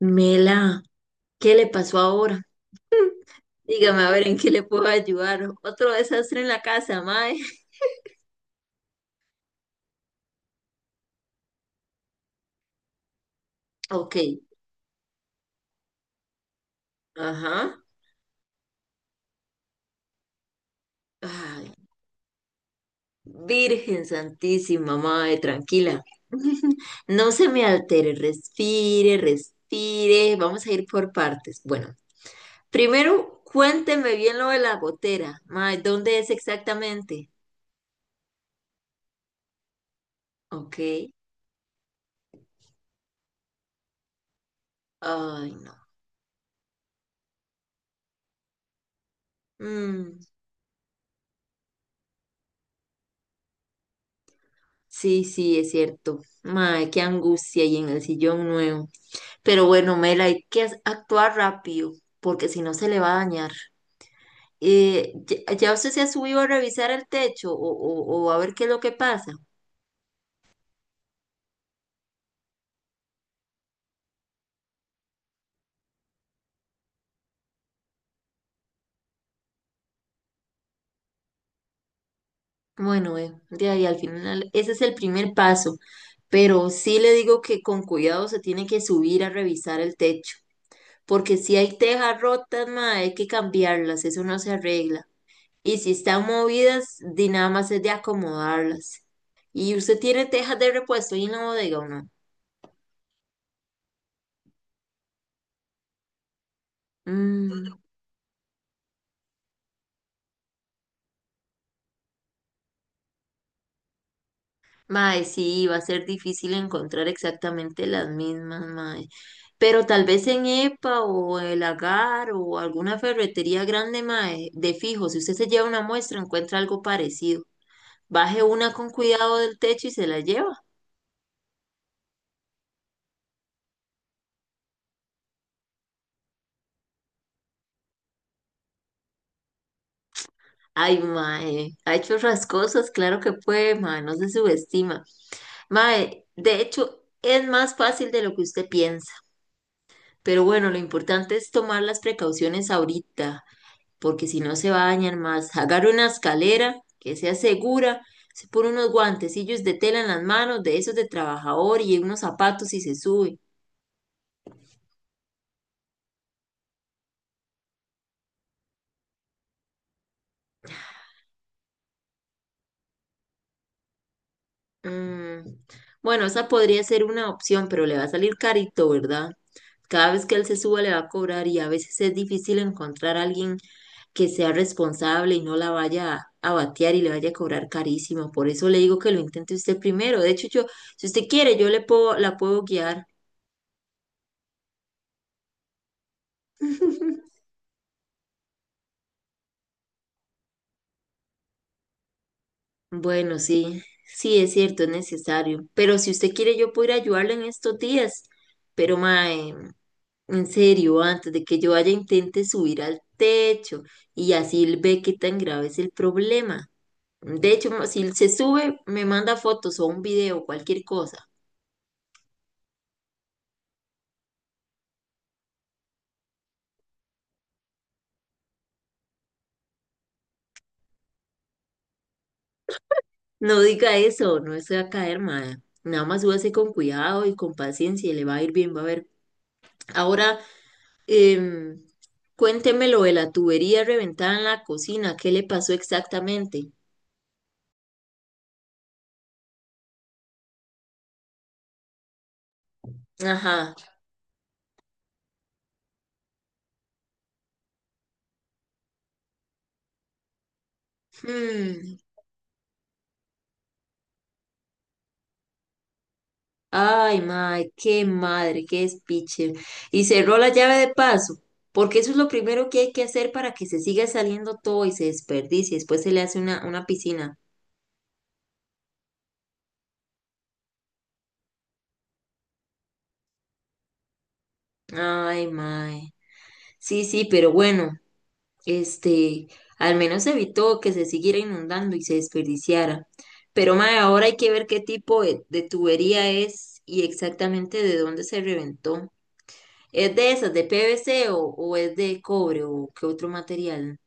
Mela, ¿qué le pasó ahora? Dígame a ver en qué le puedo ayudar. Otro desastre en la casa, mae. Ok, ajá. Ay, Virgen Santísima, mae, tranquila. No se me altere, respire, respire. Vamos a ir por partes. Bueno, primero cuénteme bien lo de la gotera, mae, ¿dónde es exactamente? Ok, ay, no. Mm, sí, sí, es cierto. Mae, qué angustia y en el sillón nuevo. Pero bueno, Mela, actuar rápido, porque si no se le va a dañar. ¿Ya usted se ha subido a revisar el techo o a ver qué es lo que pasa? Bueno, de ahí al final, ese es el primer paso, pero sí le digo que con cuidado se tiene que subir a revisar el techo, porque si hay tejas rotas, ma, hay que cambiarlas, eso no se arregla. Y si están movidas, di nada más es de acomodarlas. ¿Y usted tiene tejas de repuesto ahí en la bodega o no? Mm. Mae, sí, va a ser difícil encontrar exactamente las mismas, mae. Pero tal vez en EPA o el Agar o alguna ferretería grande, mae, de fijo, si usted se lleva una muestra, encuentra algo parecido. Baje una con cuidado del techo y se la lleva. Ay, mae, ha hecho otras cosas, claro que puede, mae, no se subestima. Mae, de hecho, es más fácil de lo que usted piensa. Pero bueno, lo importante es tomar las precauciones ahorita. Porque si no se va a dañar más. Agarra una escalera que sea segura, se pone unos guantecillos de tela en las manos, de esos de trabajador y unos zapatos y se sube. Mm, bueno, esa podría ser una opción, pero le va a salir carito, ¿verdad? Cada vez que él se suba le va a cobrar y a veces es difícil encontrar a alguien que sea responsable y no la vaya a batear y le vaya a cobrar carísimo. Por eso le digo que lo intente usted primero. De hecho, yo, si usted quiere, yo le puedo, la puedo guiar. Bueno, sí, sí es cierto, es necesario. Pero si usted quiere, yo puedo ir a ayudarle en estos días. Pero, mae, en serio, antes de que yo vaya, intente subir al techo y así él ve qué tan grave es el problema. De hecho, si se sube, me manda fotos o un video, cualquier cosa. No diga eso, no se va a caer, mae. Nada más súbase con cuidado y con paciencia y le va a ir bien, va a ver. Ahora. Em, cuénteme lo de la tubería reventada en la cocina. ¿Qué le pasó exactamente? Ajá. Hmm. Ay, madre, qué despiche. Y cerró la llave de paso, porque eso es lo primero que hay que hacer para que se siga saliendo todo y se desperdicie. Después se le hace una piscina. Ay, madre. Sí, sí, pero bueno. Este, al menos evitó que se siguiera inundando y se desperdiciara. Pero mae, ahora hay que ver qué tipo de tubería es y exactamente de dónde se reventó. ¿Es de esas, de PVC o es de cobre o qué otro material?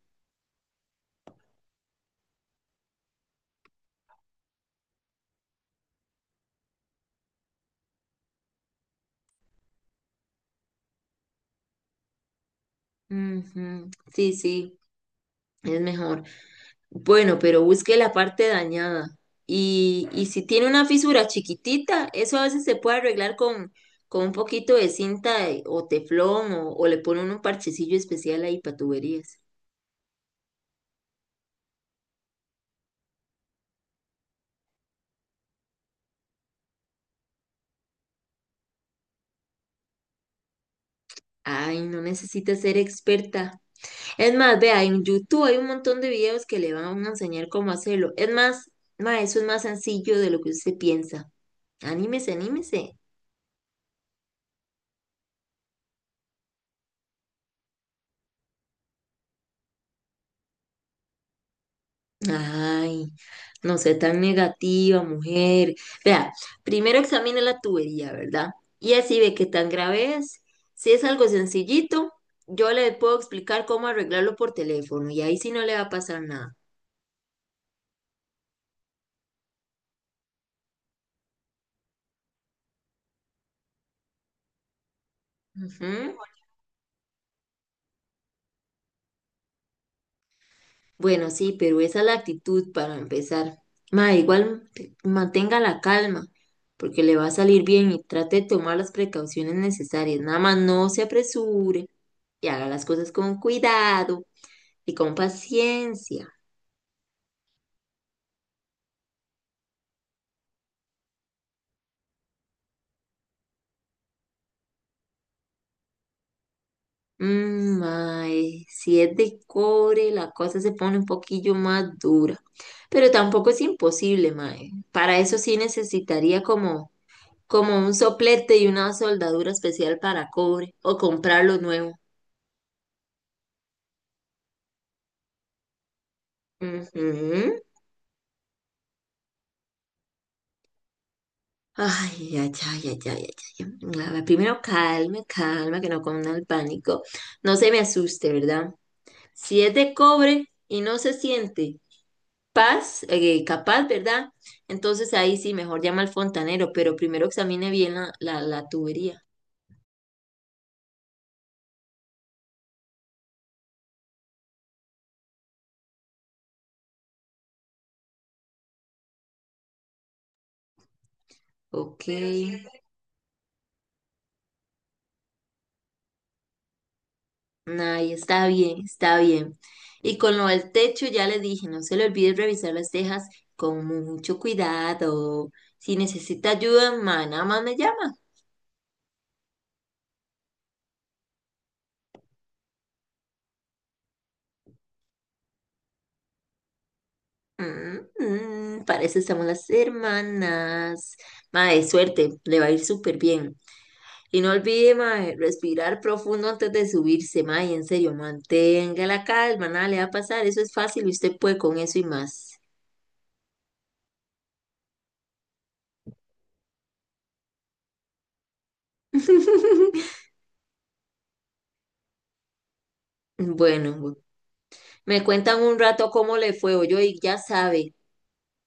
Ujú, sí, sí, es mejor. Bueno, pero busque la parte dañada. Y si tiene una fisura chiquitita, eso a veces se puede arreglar con un poquito de cinta de- o teflón o le ponen un parchecillo especial ahí para tuberías. Ay, no necesita ser experta. Es más, vea, en YouTube hay un montón de videos que le van a enseñar cómo hacerlo. Es más, ma, eso es más sencillo de lo que usted piensa. Anímese, anímese. Ay, no sé, tan negativa, mujer. Vea, primero examine la tubería, ¿verdad? Y así ve qué tan grave es. Si es algo sencillito, yo le puedo explicar cómo arreglarlo por teléfono y ahí sí no le va a pasar nada. Ujú. Bueno, sí, pero esa es la actitud para empezar. Ma, igual mantenga la calma, porque le va a salir bien y trate de tomar las precauciones necesarias. Nada más no se apresure y haga las cosas con cuidado. Y con paciencia. Mm, mae, si es de cobre, la cosa se pone un poquillo más dura. Pero tampoco es imposible, mae. Para eso sí necesitaría como, como un soplete y una soldadura especial para cobre o comprarlo nuevo. Ujú. Ay, ay, ay, ay, ay, ay, ay. A ver, primero calme, calma, que no cunda el pánico. No se me asuste, ¿verdad? Si es de cobre y no se siente capaz, ¿verdad? Entonces ahí sí, mejor llama al fontanero, pero primero examine bien la tubería. Ok, ahí está bien, está bien. Y con lo del techo ya le dije, no se le olvide revisar las tejas con mucho cuidado. Si necesita ayuda, ma, nada más me llama. Mm, mm, para eso estamos las hermanas. Ma, de suerte, le va a ir súper bien. Y no olvide, mae, respirar profundo antes de subirse, mae, en serio, mantenga la calma, nada le va a pasar, eso es fácil y usted puede con eso y más. Bueno, me cuentan un rato cómo le fue, y ya sabe,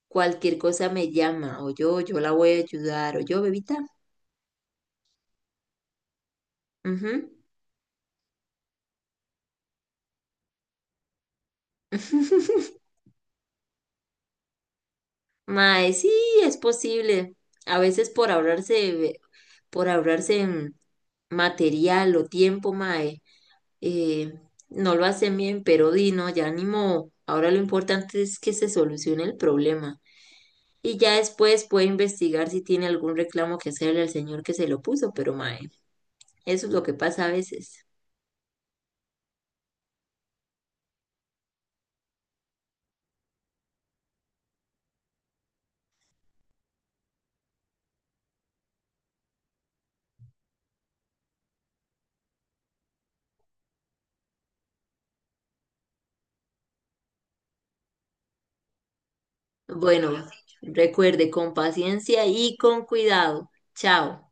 cualquier cosa me llama, yo la voy a ayudar, bebita. Ujú. Mae, sí, es posible. A veces por ahorrarse en material o tiempo, mae, eh, no lo hacen bien, pero di, no, ya ni modo. Ahora lo importante es que se solucione el problema. Y ya después puede investigar si tiene algún reclamo que hacerle al señor que se lo puso, pero mae, eso es lo que pasa a veces. Bueno, recuerde, con paciencia y con cuidado. Chao.